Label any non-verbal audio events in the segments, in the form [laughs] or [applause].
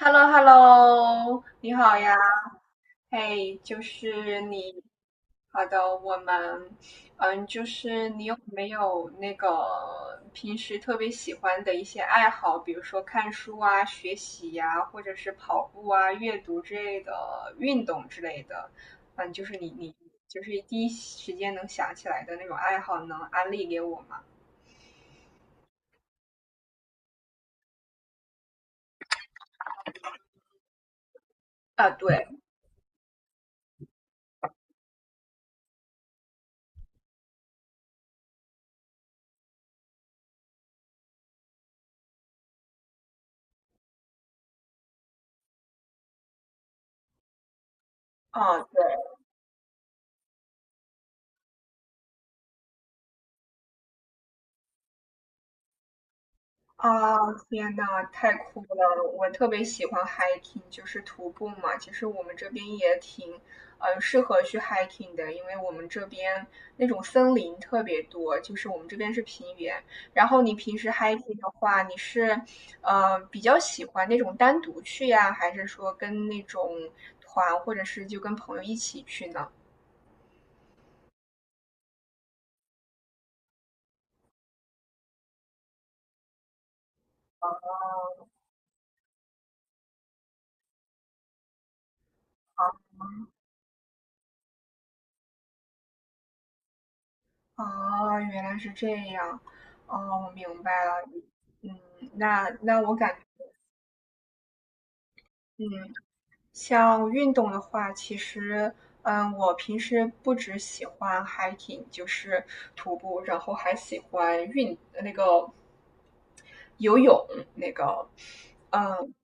h e l l o h e l l o 你好呀，嘿，就是你，好的，我们，就是你有没有那个平时特别喜欢的一些爱好，比如说看书啊、学习呀、或者是跑步啊、阅读之类的、运动之类的，就是你就是第一时间能想起来的那种爱好，能安利给我吗？啊，对，对。啊，天呐，太酷了！我特别喜欢 hiking，就是徒步嘛。其实我们这边也挺，适合去 hiking 的，因为我们这边那种森林特别多，就是我们这边是平原。然后你平时 hiking 的话，你是，比较喜欢那种单独去呀，还是说跟那种团，或者是就跟朋友一起去呢？啊，原来是这样。哦，我明白了。嗯，那我感，嗯。像运动的话，其实，我平时不只喜欢 hiking，就是徒步，然后还喜欢那个游泳，那个，嗯，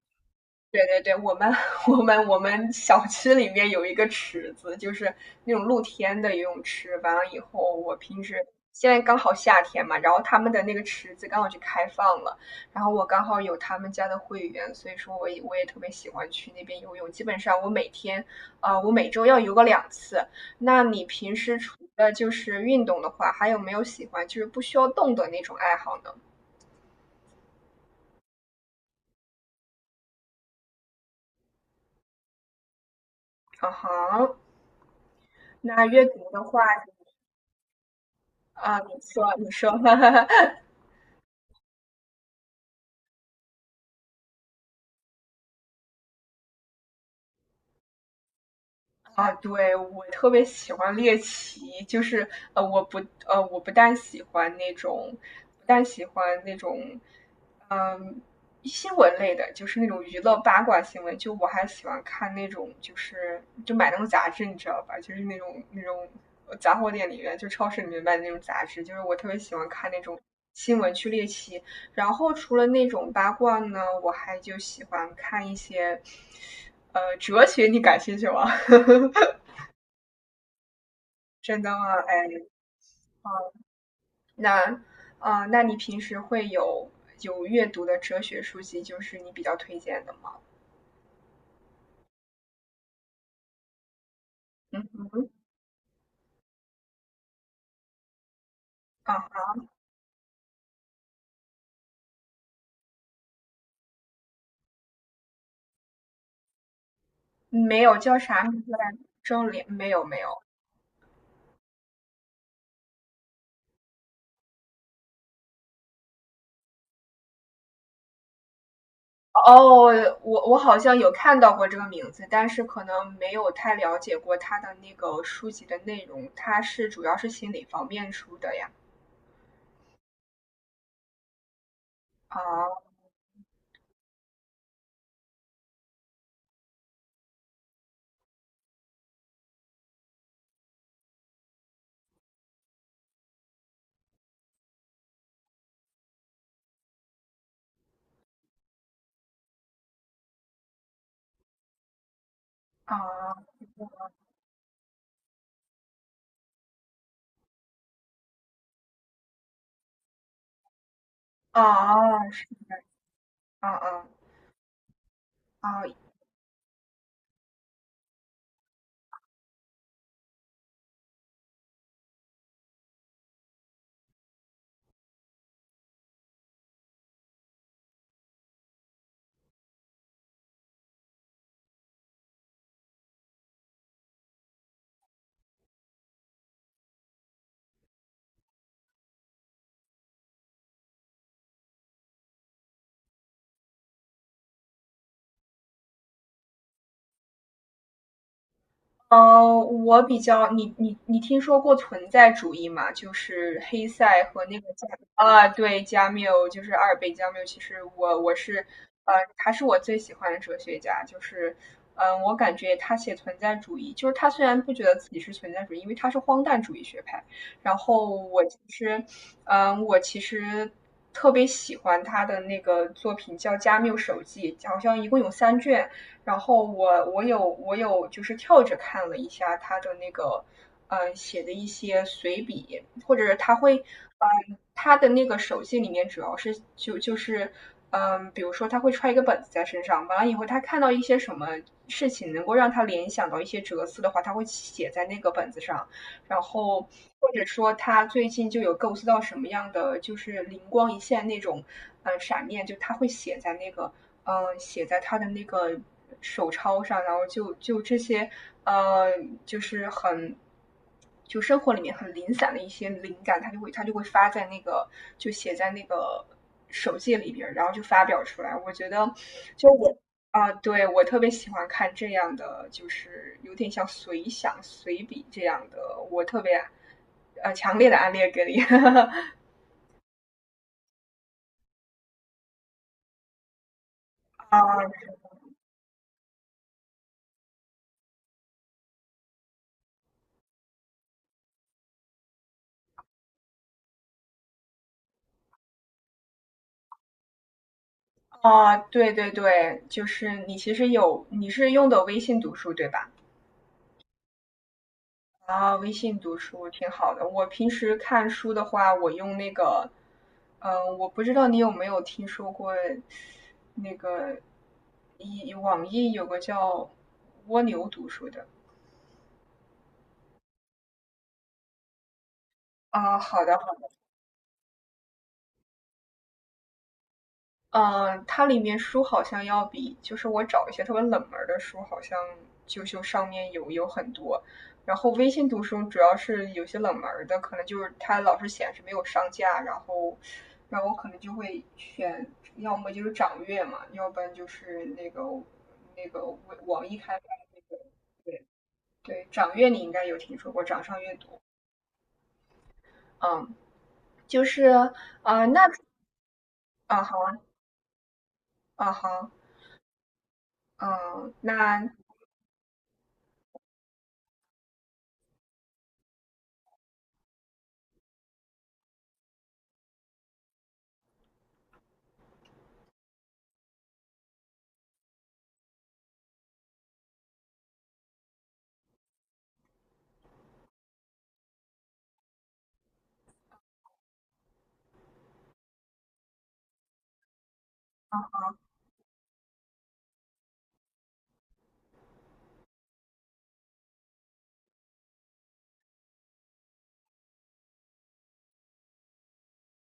对对对，我们 [laughs] 我们小区里面有一个池子，就是那种露天的游泳池。完了以后，我平时现在刚好夏天嘛，然后他们的那个池子刚好就开放了，然后我刚好有他们家的会员，所以说我也特别喜欢去那边游泳。基本上我每天，我每周要游个2次。那你平时除了就是运动的话，还有没有喜欢就是不需要动的那种爱好呢？啊哈，那阅读的话。啊，你说，你说，[laughs] 哈哈哈。啊，对，我特别喜欢猎奇，就是呃，我不我不但喜欢那种，嗯，新闻类的，就是那种娱乐八卦新闻，就我还喜欢看那种，就是就买那种杂志，你知道吧？就是那种杂货店里面，就超市里面卖的那种杂志，就是我特别喜欢看那种新闻去猎奇。然后除了那种八卦呢，我还就喜欢看一些，哲学，你感兴趣吗？[laughs] 真的吗？哎，那，啊，那你平时会有阅读的哲学书籍，就是你比较推荐的吗？啊，没有，叫啥名字来着？周濂？没有，没有。哦，我好像有看到过这个名字，但是可能没有太了解过他的那个书籍的内容。他是主要是心理方面出的呀。啊啊啊！是啊啊啊！哦嗯，我比较你听说过存在主义吗？就是黑塞和那个啊，对，加缪，就是阿尔贝加缪。其实我是他是我最喜欢的哲学家。就是我感觉他写存在主义，就是他虽然不觉得自己是存在主义，因为他是荒诞主义学派。然后我其实特别喜欢他的那个作品叫《加缪手记》，好像一共有3卷。然后我有就是跳着看了一下他的那个写的一些随笔，或者是他会他的那个手记里面主要是就是比如说他会揣一个本子在身上，完了以后他看到一些什么事情能够让他联想到一些哲思的话，他会写在那个本子上。然后或者说他最近就有构思到什么样的就是灵光一现那种，闪念，就他会写在那个，写在他的那个手抄上，然后就这些，呃，就是很。就生活里面很零散的一些灵感，他就会发在那个就写在那个手记里边，然后就发表出来。我觉得，就我。啊，对，我特别喜欢看这样的，就是有点像随想、随笔这样的，我特别强烈的安利给你。[laughs] 啊啊，对对对，就是你其实你是用的微信读书对吧？啊，微信读书挺好的。我平时看书的话，我用那个，我不知道你有没有听说过那个网易有个叫蜗牛读书的。啊，好的嗯，它里面书好像要比，就是我找一些特别冷门的书，好像就上面有很多。然后微信读书主要是有些冷门的，可能就是它老是显示没有上架，然后我可能就会选，要么就是掌阅嘛，要不然就是那个网易开发的那个，对对，掌阅你应该有听说过，掌上阅读，嗯，就是啊、那啊好啊啊好，嗯，那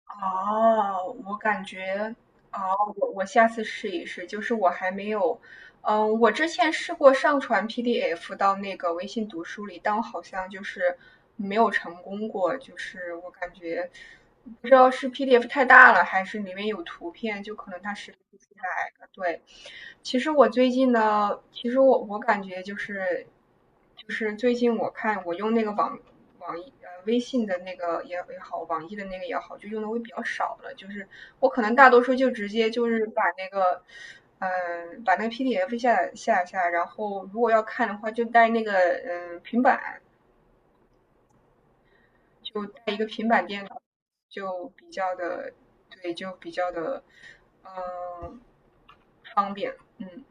哦，我感觉，哦，我下次试一试。就是我还没有，我之前试过上传 PDF 到那个微信读书里，但我好像就是没有成功过。就是我感觉，不知道是 PDF 太大了，还是里面有图片，就可能它识别不出来。对，其实我最近呢，其实我感觉就是，就是最近我看我用那个网易微信的那个也好，网易的那个也好，就用的会比较少了。就是我可能大多数就直接就是把那个，把那个 PDF 下载下来然后如果要看的话，就带那个平板，就带一个平板电脑，就比较的对，就比较的嗯、方便。嗯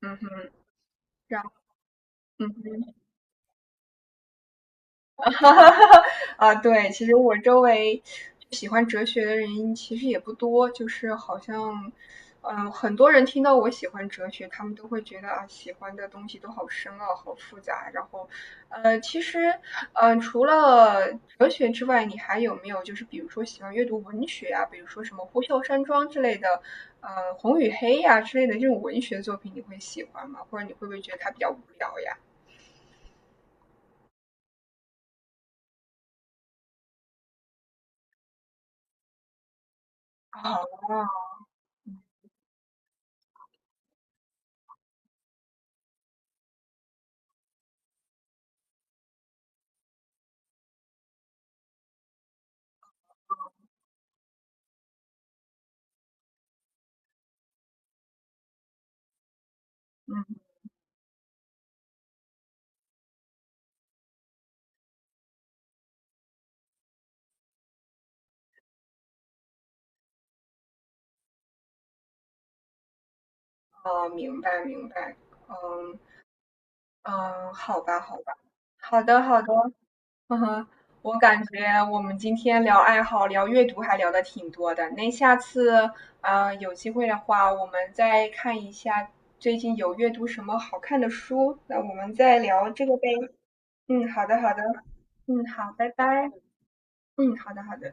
嗯哼，然后嗯哼。[laughs] 哈哈哈哈啊，对，其实我周围喜欢哲学的人其实也不多，就是好像，很多人听到我喜欢哲学，他们都会觉得啊，喜欢的东西都好深奥、好复杂。然后，其实，除了哲学之外，你还有没有就是比如说喜欢阅读文学啊，比如说什么《呼啸山庄》之类的，呃，《红与黑》呀之类的这种文学作品，你会喜欢吗？或者你会不会觉得它比较无聊呀？啊，嗯。哦，明白明白，嗯嗯，好吧好吧，好的好的，嗯哼，我感觉我们今天聊爱好、聊阅读还聊的挺多的。那下次，有机会的话，我们再看一下最近有阅读什么好看的书，那我们再聊这个呗。嗯，好的好的，嗯好，拜拜，嗯好的好的。